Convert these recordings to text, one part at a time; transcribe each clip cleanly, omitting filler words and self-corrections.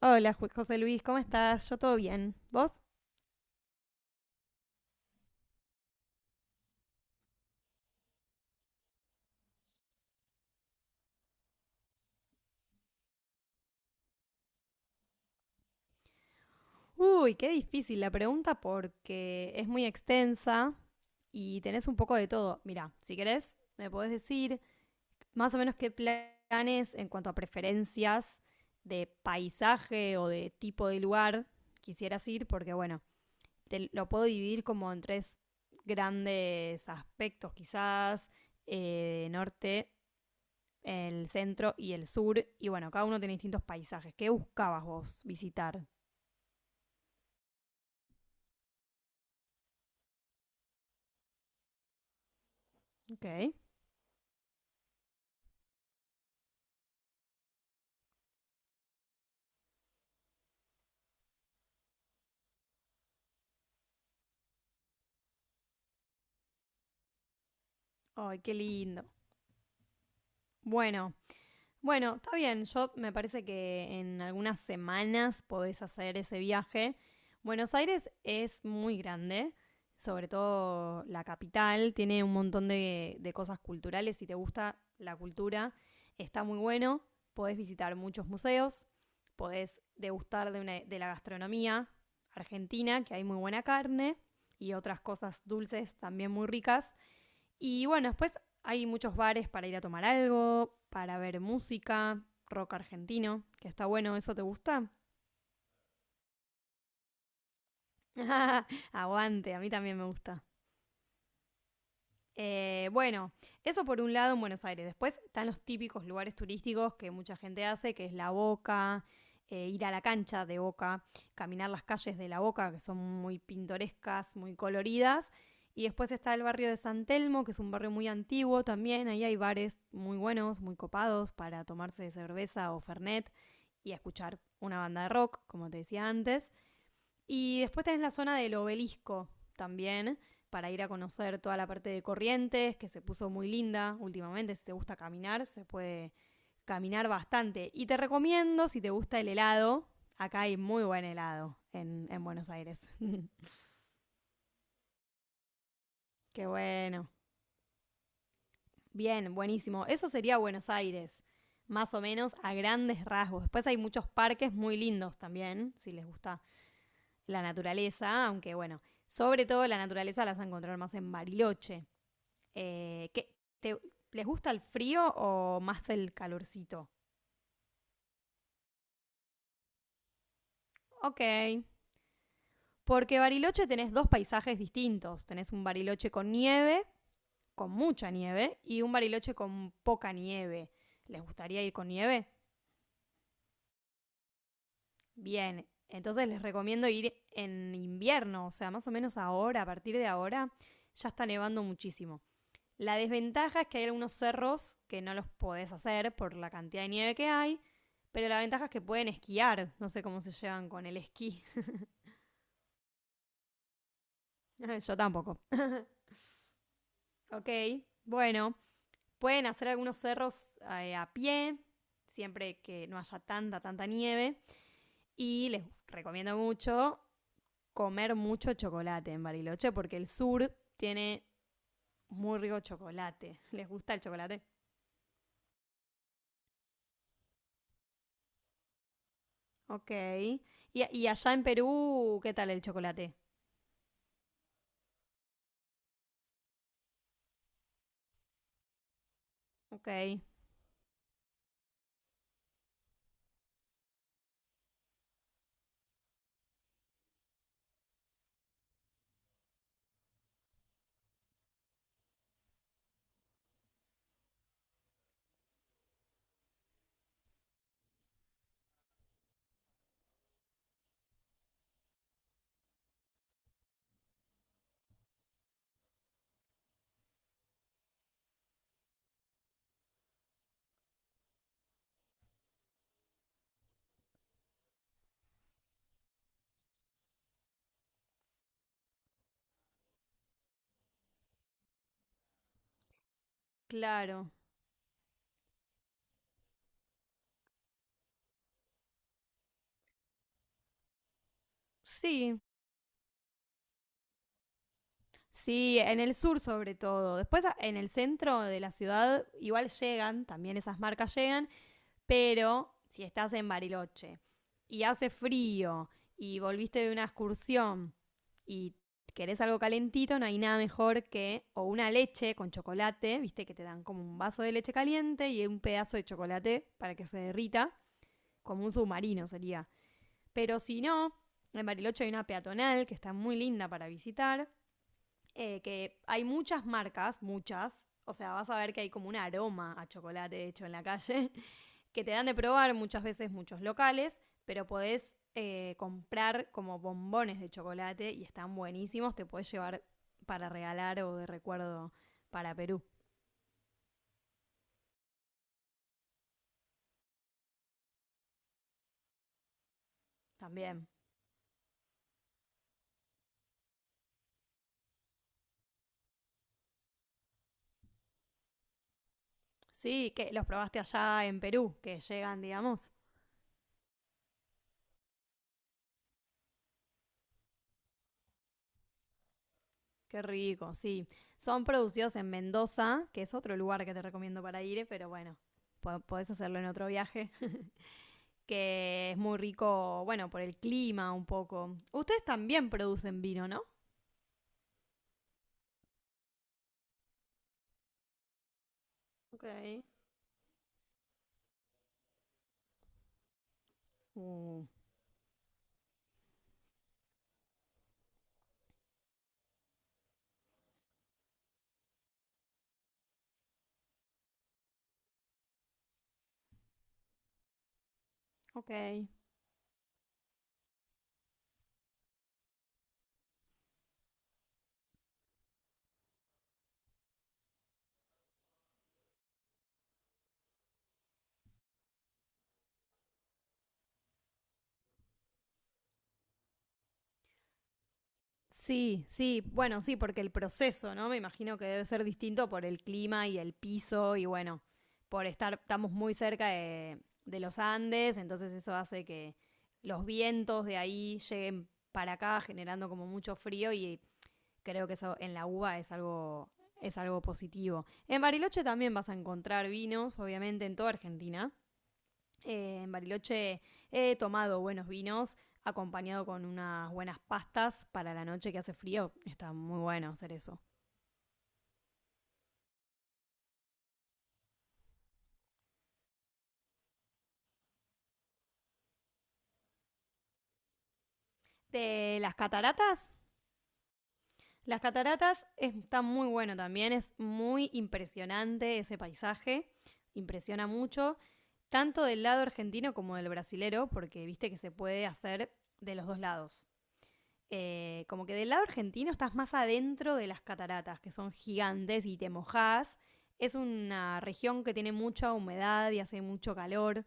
Hola, José Luis, ¿cómo estás? Yo todo bien. ¿Vos? Uy, qué difícil la pregunta porque es muy extensa y tenés un poco de todo. Mira, si querés, me podés decir más o menos qué planes en cuanto a preferencias de paisaje o de tipo de lugar quisieras ir, porque bueno, te lo puedo dividir como en tres grandes aspectos, quizás norte, el centro y el sur. Y bueno, cada uno tiene distintos paisajes. ¿Qué buscabas vos visitar? Ok. Ay, qué lindo. Bueno, bueno, está bien. Yo me parece que en algunas semanas podés hacer ese viaje. Buenos Aires es muy grande, sobre todo la capital. Tiene un montón de cosas culturales. Si te gusta la cultura, está muy bueno. Podés visitar muchos museos. Podés degustar de la gastronomía argentina, que hay muy buena carne y otras cosas dulces también muy ricas. Y bueno, después hay muchos bares para ir a tomar algo, para ver música, rock argentino, que está bueno, ¿eso te gusta? Aguante, a mí también me gusta. Bueno, eso por un lado en Buenos Aires. Después están los típicos lugares turísticos que mucha gente hace, que es la Boca, ir a la cancha de Boca, caminar las calles de la Boca, que son muy pintorescas, muy coloridas. Y después está el barrio de San Telmo, que es un barrio muy antiguo también. Ahí hay bares muy buenos, muy copados para tomarse cerveza o fernet y escuchar una banda de rock, como te decía antes. Y después tenés la zona del obelisco también, para ir a conocer toda la parte de Corrientes, que se puso muy linda últimamente. Si te gusta caminar, se puede caminar bastante. Y te recomiendo, si te gusta el helado, acá hay muy buen helado en Buenos Aires. Qué bueno. Bien, buenísimo. Eso sería Buenos Aires, más o menos a grandes rasgos. Después hay muchos parques muy lindos también, si les gusta la naturaleza, aunque bueno, sobre todo la naturaleza la vas a encontrar más en Bariloche. Eh, ¿qué- te- ¿Les gusta el frío o más el calorcito? Ok. Porque Bariloche tenés dos paisajes distintos. Tenés un Bariloche con nieve, con mucha nieve, y un Bariloche con poca nieve. ¿Les gustaría ir con nieve? Bien. Entonces les recomiendo ir en invierno, o sea, más o menos ahora, a partir de ahora, ya está nevando muchísimo. La desventaja es que hay algunos cerros que no los podés hacer por la cantidad de nieve que hay, pero la ventaja es que pueden esquiar. No sé cómo se llevan con el esquí. Yo tampoco. Ok, bueno, pueden hacer algunos cerros a pie, siempre que no haya tanta nieve. Y les recomiendo mucho comer mucho chocolate en Bariloche, porque el sur tiene muy rico chocolate. ¿Les gusta el chocolate? Ok. Y allá en Perú qué tal el chocolate? Ok. Claro. Sí, sí, en el sur sobre todo. Después en el centro de la ciudad igual llegan, también esas marcas llegan, pero si estás en Bariloche y hace frío y volviste de una excursión y querés algo calentito, no hay nada mejor que o una leche con chocolate, viste que te dan como un vaso de leche caliente y un pedazo de chocolate para que se derrita, como un submarino sería. Pero si no, en Bariloche hay una peatonal que está muy linda para visitar, que hay muchas marcas, muchas. O sea, vas a ver que hay como un aroma a chocolate de hecho en la calle, que te dan de probar muchas veces muchos locales, pero podés comprar como bombones de chocolate y están buenísimos, te podés llevar para regalar o de recuerdo para Perú también. Sí, que los probaste allá en Perú, que llegan, digamos. Qué rico, sí. Son producidos en Mendoza, que es otro lugar que te recomiendo para ir, pero bueno, podés hacerlo en otro viaje. Que es muy rico, bueno, por el clima un poco. Ustedes también producen vino, ¿no? Ok. Uh, ok. Sí, sí, bueno, sí, porque el proceso, ¿no? Me imagino que debe ser distinto por el clima y el piso y bueno, por estamos muy cerca de los Andes, entonces eso hace que los vientos de ahí lleguen para acá generando como mucho frío y creo que eso en la uva es algo positivo. En Bariloche también vas a encontrar vinos, obviamente, en toda Argentina. En Bariloche he tomado buenos vinos acompañado con unas buenas pastas para la noche que hace frío. Está muy bueno hacer eso. De las cataratas. Las cataratas está muy bueno también, es muy impresionante ese paisaje, impresiona mucho, tanto del lado argentino como del brasilero, porque viste que se puede hacer de los dos lados. Eh, como que del lado argentino estás más adentro de las cataratas, que son gigantes y te mojás. Es una región que tiene mucha humedad y hace mucho calor,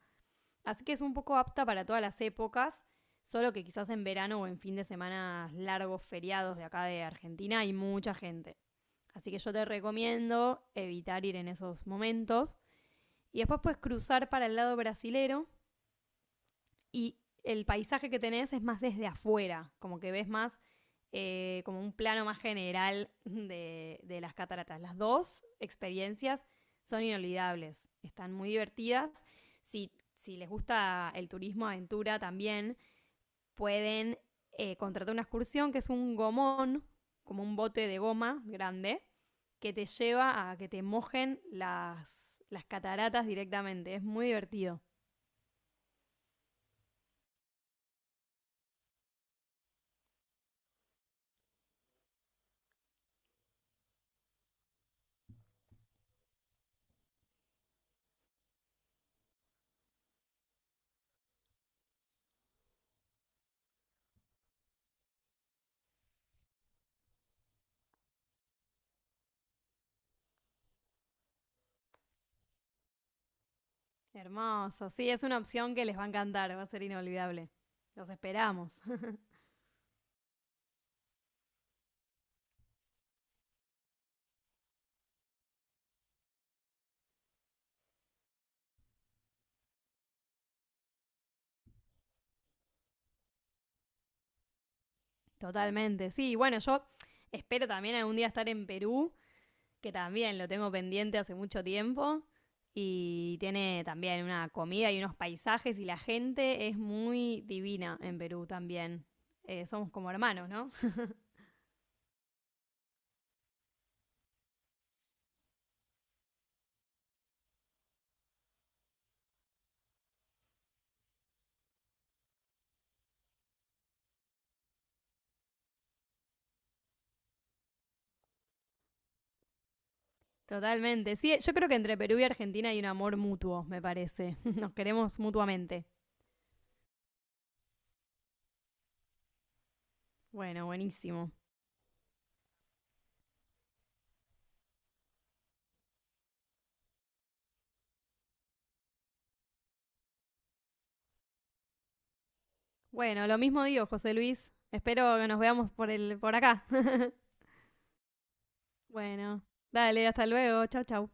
así que es un poco apta para todas las épocas, solo que quizás en verano o en fin de semana largos feriados de acá de Argentina hay mucha gente. Así que yo te recomiendo evitar ir en esos momentos. Y después puedes cruzar para el lado brasilero, y el paisaje que tenés es más desde afuera, como que ves más como un plano más general de las cataratas. Las dos experiencias son inolvidables, están muy divertidas. Si, si les gusta el turismo aventura también, pueden contratar una excursión que es un gomón, como un bote de goma grande, que te lleva a que te mojen las cataratas directamente. Es muy divertido. Hermoso, sí, es una opción que les va a encantar, va a ser inolvidable. Los esperamos. Totalmente. Sí, bueno, yo espero también algún día estar en Perú, que también lo tengo pendiente hace mucho tiempo. Y tiene también una comida y unos paisajes y la gente es muy divina en Perú también. Somos como hermanos, ¿no? Totalmente. Sí, yo creo que entre Perú y Argentina hay un amor mutuo, me parece. Nos queremos mutuamente. Bueno, buenísimo. Bueno, lo mismo digo, José Luis. Espero que nos veamos por por acá. Bueno, dale, hasta luego. Chau, chau.